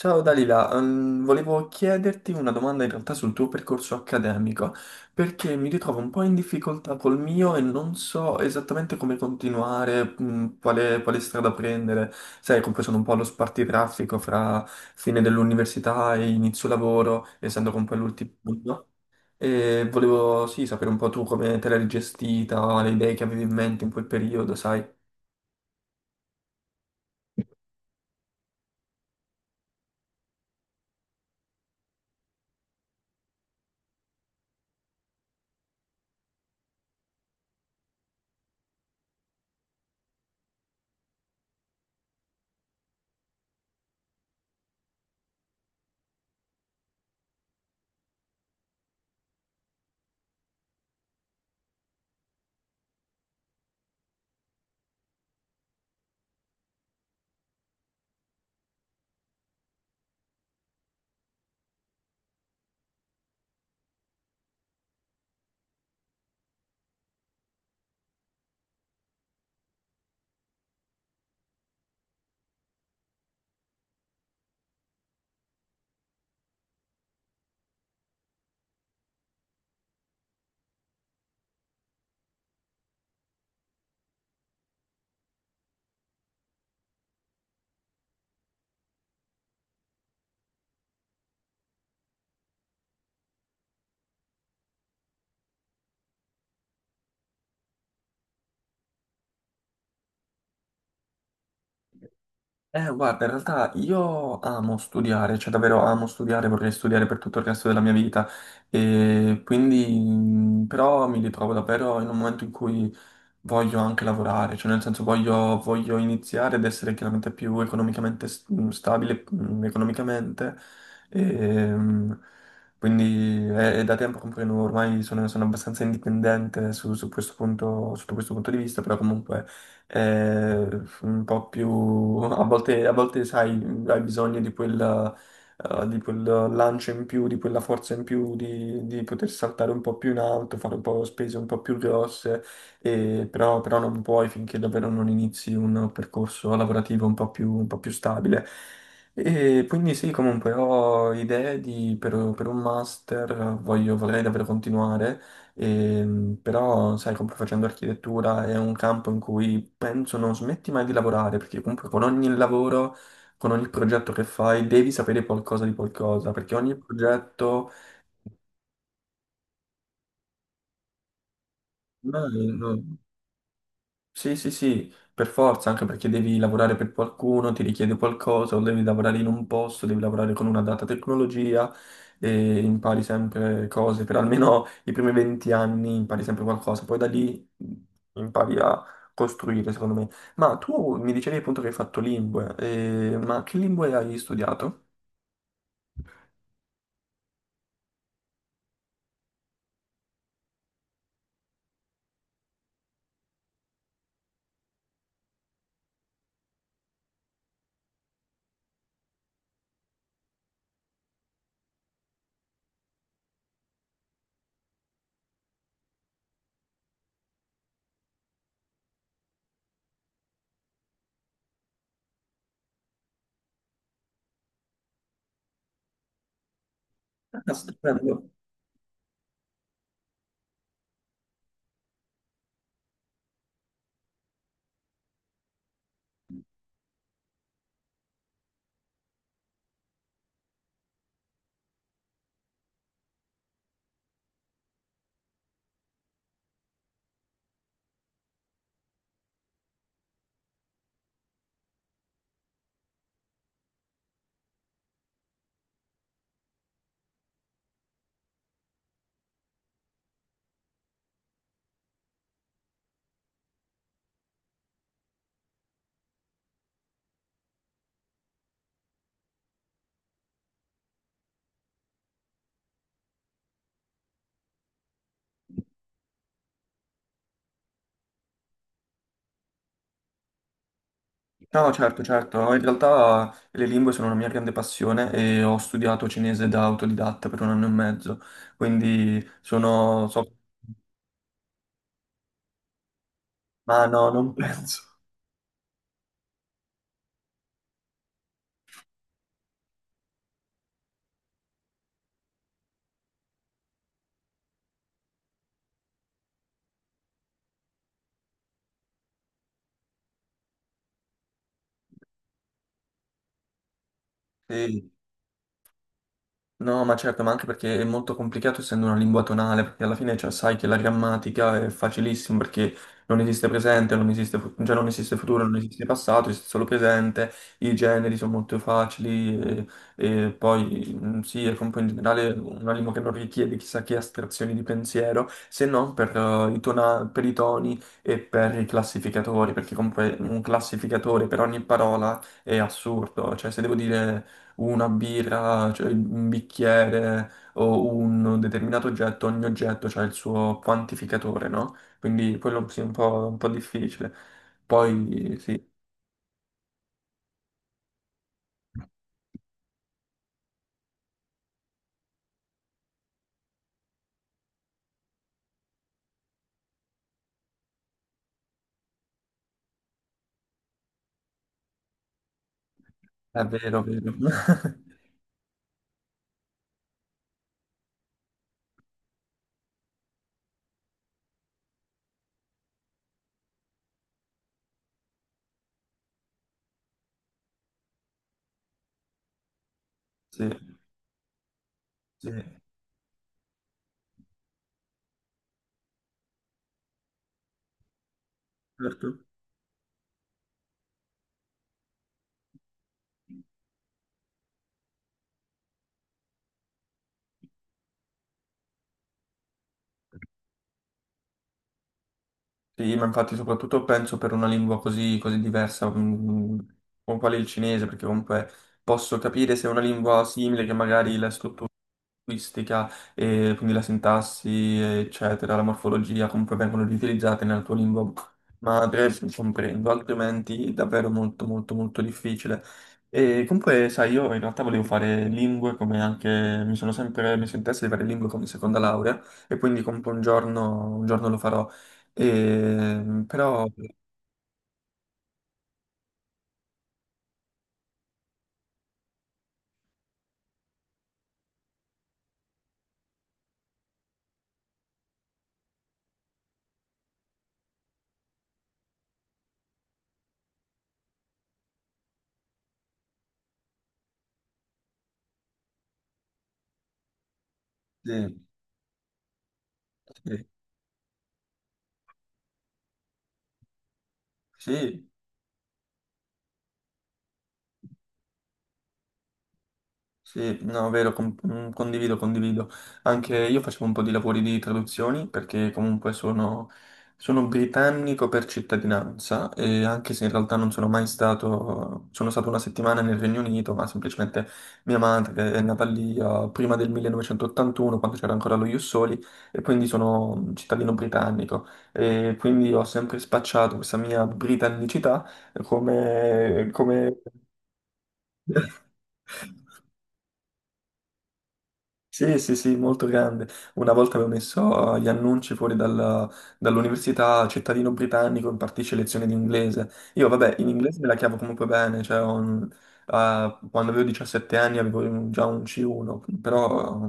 Ciao Dalila, volevo chiederti una domanda in realtà sul tuo percorso accademico, perché mi ritrovo un po' in difficoltà col mio e non so esattamente come continuare, quale strada prendere. Sai, comunque sono un po' allo spartitraffico fra fine dell'università e inizio lavoro, essendo comunque l'ultimo anno. E volevo sì, sapere un po' tu come te l'hai gestita, le idee che avevi in mente in quel periodo, sai. Guarda, in realtà io amo studiare, cioè davvero amo studiare, vorrei studiare per tutto il resto della mia vita e quindi mm, però mi ritrovo davvero in un momento in cui voglio anche lavorare, cioè nel senso voglio iniziare ad essere chiaramente più economicamente stabile, economicamente, e, mh, quindi è da tempo che poi ormai sono abbastanza indipendente su questo punto, sotto questo punto di vista, però comunque è un po' più, a volte sai, hai bisogno di quel lancio in più, di quella forza in più, di poter saltare un po' più in alto, fare un po' spese un po' più grosse, e però non puoi finché davvero non inizi un percorso lavorativo un po' un po' più stabile. E quindi sì, comunque ho idee per un master, vorrei davvero continuare, però sai, comunque facendo architettura è un campo in cui penso non smetti mai di lavorare, perché comunque con ogni lavoro, con ogni progetto che fai, devi sapere qualcosa di qualcosa, perché ogni progetto... No, no. Sì, sì, sì, per forza, anche perché devi lavorare per qualcuno, ti richiede qualcosa, o devi lavorare in un posto, devi lavorare con una data tecnologia e impari sempre cose, per almeno i primi 20 anni impari sempre qualcosa, poi da lì impari a costruire, secondo me. Ma tu mi dicevi appunto che hai fatto lingue, ma che lingue hai studiato? Ah, stupendo. No, no, certo, certo. In realtà le lingue sono una mia grande passione e ho studiato cinese da autodidatta per 1 anno e mezzo, quindi sono... so- Ma no, non penso. Sì. No, ma certo, ma anche perché è molto complicato essendo una lingua tonale, perché alla fine cioè, sai che la grammatica è facilissima perché non esiste presente, non esiste, cioè, non esiste futuro, non esiste passato, esiste solo presente, i generi sono molto facili e poi mm, sì, è comunque in generale una lingua che non richiede chissà che astrazioni di pensiero, se non per, i per i toni e per i classificatori, perché comunque un classificatore per ogni parola è assurdo, cioè se devo dire una birra, cioè un bicchiere o un determinato oggetto, ogni oggetto ha il suo quantificatore, no? Quindi quello sì, è un po' difficile. Poi sì, è vero, vero. Sì, sì, certo. Sì, ma infatti soprattutto penso per una lingua così diversa, mm, mm, mm, come quale il cinese, perché comunque posso capire se è una lingua simile che magari la struttura linguistica, e quindi la sintassi, eccetera, la morfologia, come poi vengono riutilizzate nella tua lingua madre, comprendo, altrimenti è davvero molto molto molto difficile. E comunque, sai, io in realtà volevo fare lingue come anche mi sono sempre messo in testa di fare lingue come seconda laurea e quindi comunque un giorno lo farò. E, però sì, sì, sì, Sì, no, vero, com- mm, condivido, condivido. Anche io facevo un po' di lavori di traduzioni perché comunque sono, sono britannico per cittadinanza e anche se in realtà non sono mai stato, sono stato 1 settimana nel Regno Unito, ma semplicemente mia madre che è nata lì prima del 1981, quando c'era ancora lo Ius Soli, e quindi sono un cittadino britannico e quindi ho sempre spacciato questa mia britannicità come come- Sì, sì, sì, molto grande. Una volta avevo messo gli annunci fuori dall'università, cittadino britannico, impartisce lezioni di inglese. Io, vabbè, in inglese me la cavo comunque bene, cioè, ho un- quando avevo 17 anni avevo un- già un C1, però...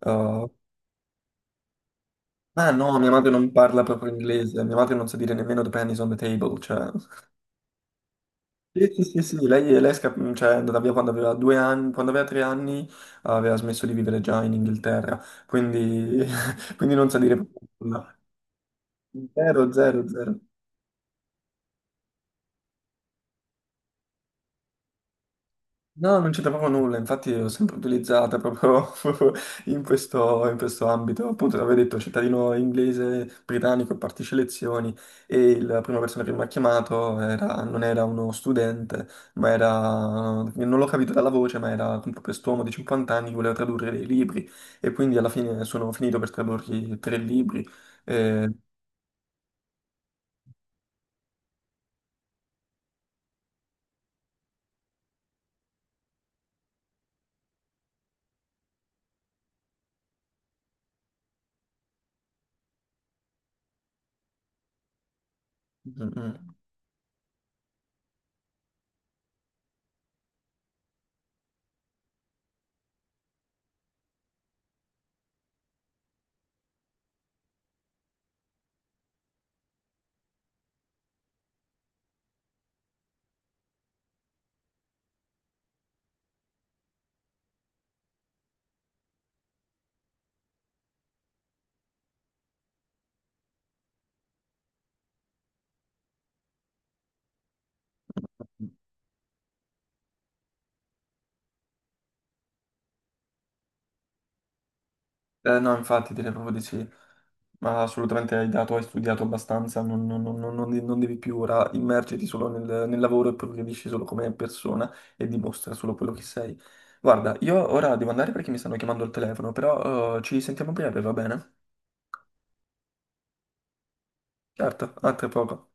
eh, ah no, mia madre non parla proprio inglese, mia madre non sa dire nemmeno the pennies on the table, cioè... Sì, sì, sì, sì, lei è cioè, è andata via quando aveva 2 anni, quando aveva 3 anni aveva smesso di vivere già in Inghilterra, quindi, quindi non sa dire proprio nulla. Zero, zero, zero. No, non c'entra proprio nulla, infatti l'ho sempre utilizzata proprio, proprio in questo ambito. Appunto, l'avevo detto, cittadino inglese, britannico, partecipa alle elezioni e la prima persona che mi ha chiamato non era uno studente, ma era, non l'ho capito dalla voce, ma era proprio quest'uomo di 50 anni che voleva tradurre dei libri e quindi alla fine sono finito per tradurgli 3 libri. Eh, mm, mm. mm, mm, mm. No, infatti, direi proprio di sì. Ma assolutamente hai dato, hai studiato abbastanza, non non devi più ora immergerti solo nel, nel lavoro e progredisci solo come persona e dimostra solo quello che sei. Guarda, io ora devo andare perché mi stanno chiamando al telefono, però ci sentiamo a breve, va bene? Certo, a tra poco.